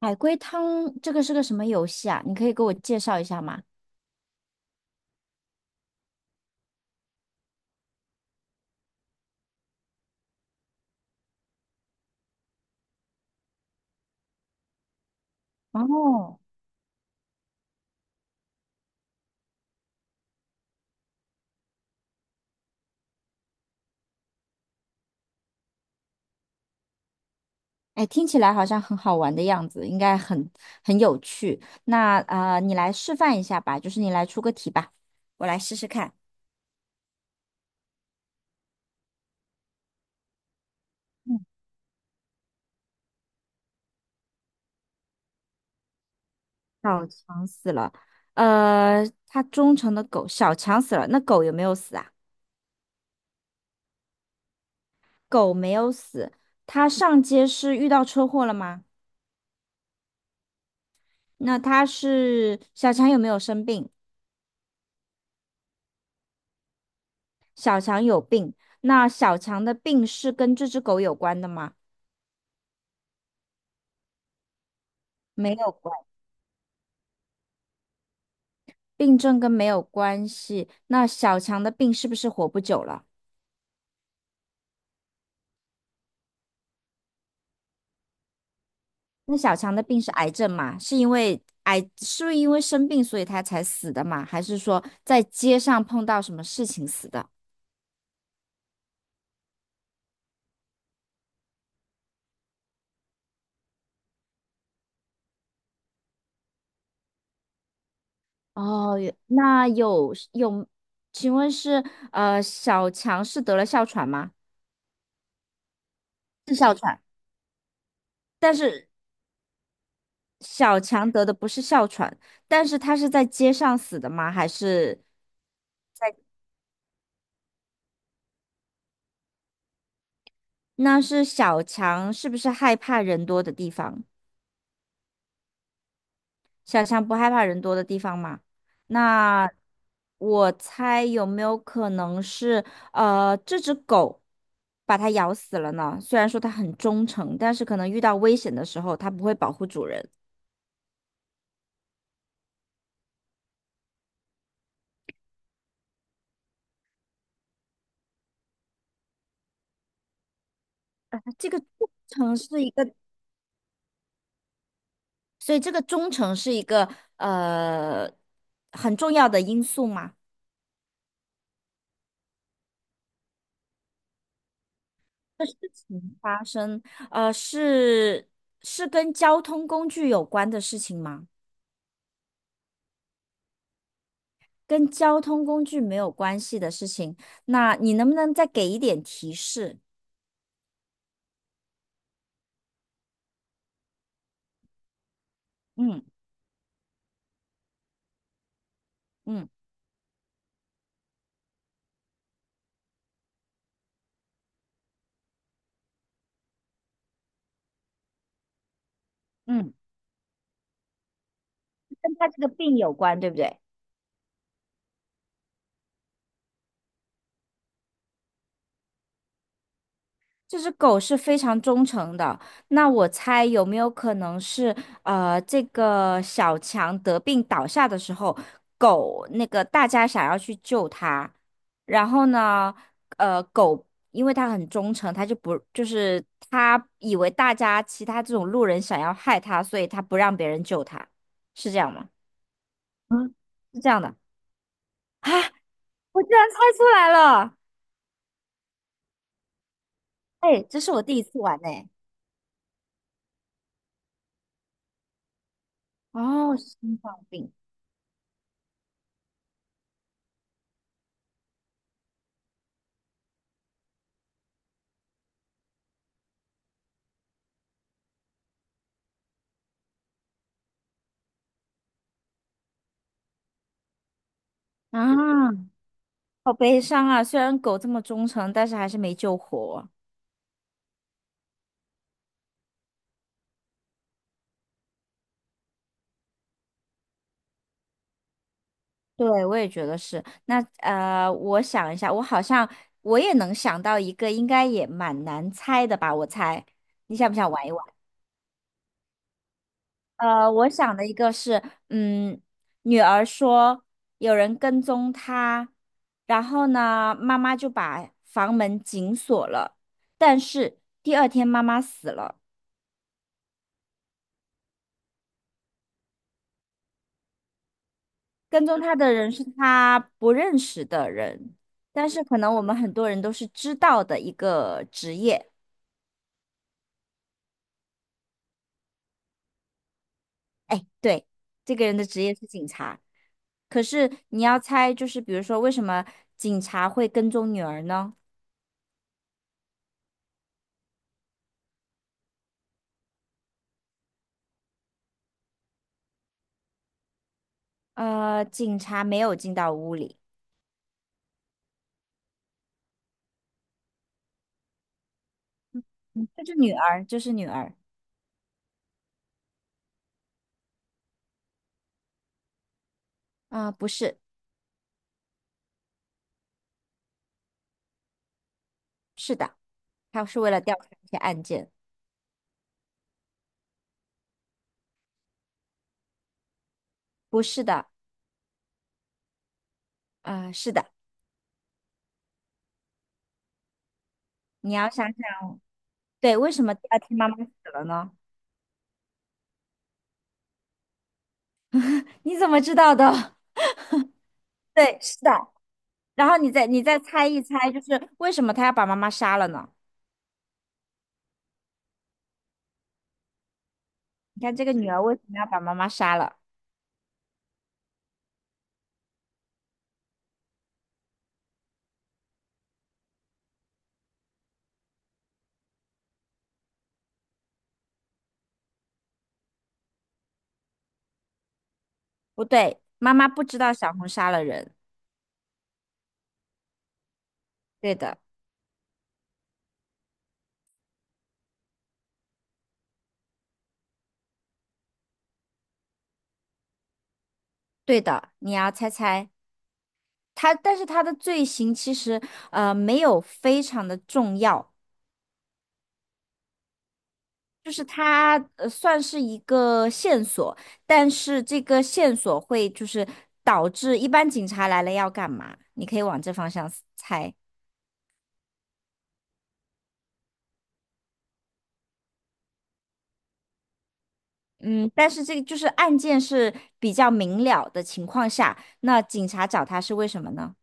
海龟汤这个是个什么游戏啊？你可以给我介绍一下吗？哦，哎，听起来好像很好玩的样子，应该很很有趣。那你来示范一下吧，就是你来出个题吧，我来试试看。嗯，小强死了，他忠诚的狗小强死了，那狗有没有死啊？狗没有死，它上街是遇到车祸了吗？那它是小强有没有生病？小强有病，那小强的病是跟这只狗有关的吗？没有关，病症跟没有关系。那小强的病是不是活不久了？那小强的病是癌症嘛？是因为癌，是不是因为生病所以他才死的嘛？还是说在街上碰到什么事情死的？哦，有那有,请问是小强是得了哮喘吗？是哮喘。小强得的不是哮喘，但是他是在街上死的吗？还是在，那是小强是不是害怕人多的地方？小强不害怕人多的地方嘛？那我猜有没有可能是这只狗把它咬死了呢？虽然说它很忠诚，但是可能遇到危险的时候，它不会保护主人。这个忠诚是一个，所以这个忠诚是一个呃很重要的因素嘛。嗯发生是是跟交通工具有关的事情吗？跟交通工具没有关系的事情，那你能不能再给一点提示？嗯嗯，嗯，跟他这个病有关，对不对？这只狗是非常忠诚的，那我猜有没有可能是，这个小强得病倒下的时候，狗那个大家想要去救它，然后呢，狗因为它很忠诚，它就不就是它以为大家其他这种路人想要害它，所以它不让别人救它，是这样吗？嗯，是这样的啊，我居然猜出来了，哎，这是我第一次玩呢。哦，心脏病啊。好悲伤啊！虽然狗这么忠诚，但是还是没救活。对，我也觉得是。那我想一下，我好像我也能想到一个，应该也蛮难猜的吧？我猜，你想不想玩一玩？我想的一个是，嗯，女儿说有人跟踪她，然后呢，妈妈就把房门紧锁了，但是第二天妈妈死了。跟踪他的人是他不认识的人，但是可能我们很多人都是知道的一个职业。哎，对，这个人的职业是警察，可是你要猜，就是比如说为什么警察会跟踪女儿呢？警察没有进到屋里，嗯就是女儿，就是女儿。啊、不是，是的，他是为了调查一些案件，不是的，啊，是的，你要想想，对，为什么第二天妈妈死了呢？你怎么知道的？对，是的。然后你再你再猜一猜，就是为什么他要把妈妈杀了呢？你看这个女儿为什么要把妈妈杀了？不对，妈妈不知道小红杀了人。对的，对的，你要猜猜他，但是他的罪行其实没有非常的重要，就是他算是一个线索，但是这个线索会就是导致一般警察来了要干嘛？你可以往这方向猜。嗯，但是这个就是案件是比较明了的情况下，那警察找他是为什么呢？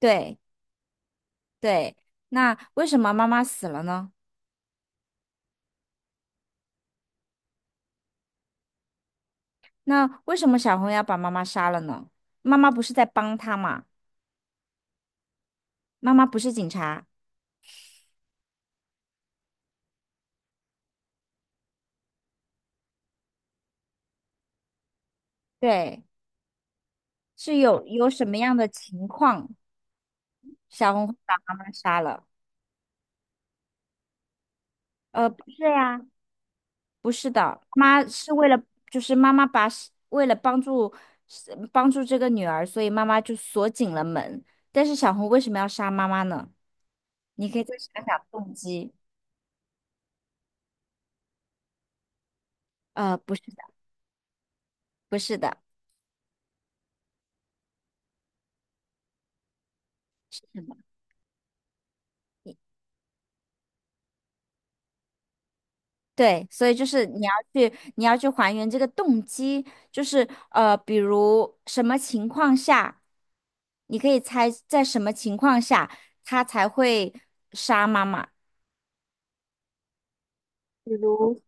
对对，那为什么妈妈死了呢？那为什么小红要把妈妈杀了呢？妈妈不是在帮他嘛？妈妈不是警察，对，是有有什么样的情况，小红会把妈妈杀了？不是呀。不是的，妈是为了，就是妈妈把是为了帮助是帮助这个女儿，所以妈妈就锁紧了门。但是小红为什么要杀妈妈呢？你可以再想想动机。不是的，不是的，你对，所以就是你要去，你要去还原这个动机，就是比如什么情况下，你可以猜在什么情况下他才会杀妈妈。比如，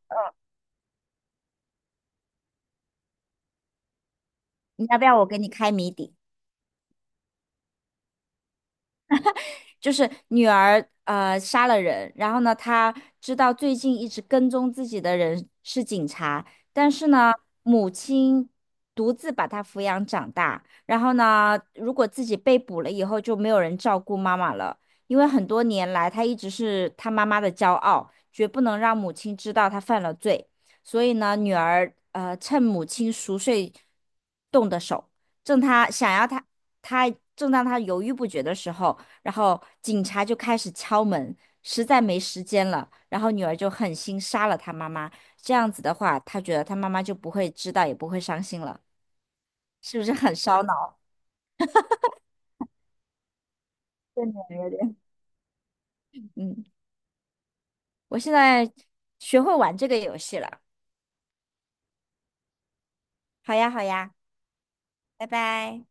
你要不要我给你开谜底？就是女儿杀了人，然后呢，她知道最近一直跟踪自己的人是警察，但是呢，母亲独自把她抚养长大，然后呢，如果自己被捕了以后，就没有人照顾妈妈了，因为很多年来她一直是她妈妈的骄傲，绝不能让母亲知道她犯了罪，所以呢，女儿趁母亲熟睡动的手，正她想要她她正当她犹豫不决的时候。然后警察就开始敲门，实在没时间了，然后女儿就狠心杀了她妈妈。这样子的话，她觉得她妈妈就不会知道，也不会伤心了，是不是很烧脑？这女儿有点，嗯，我现在学会玩这个游戏了。好呀，好呀，拜拜。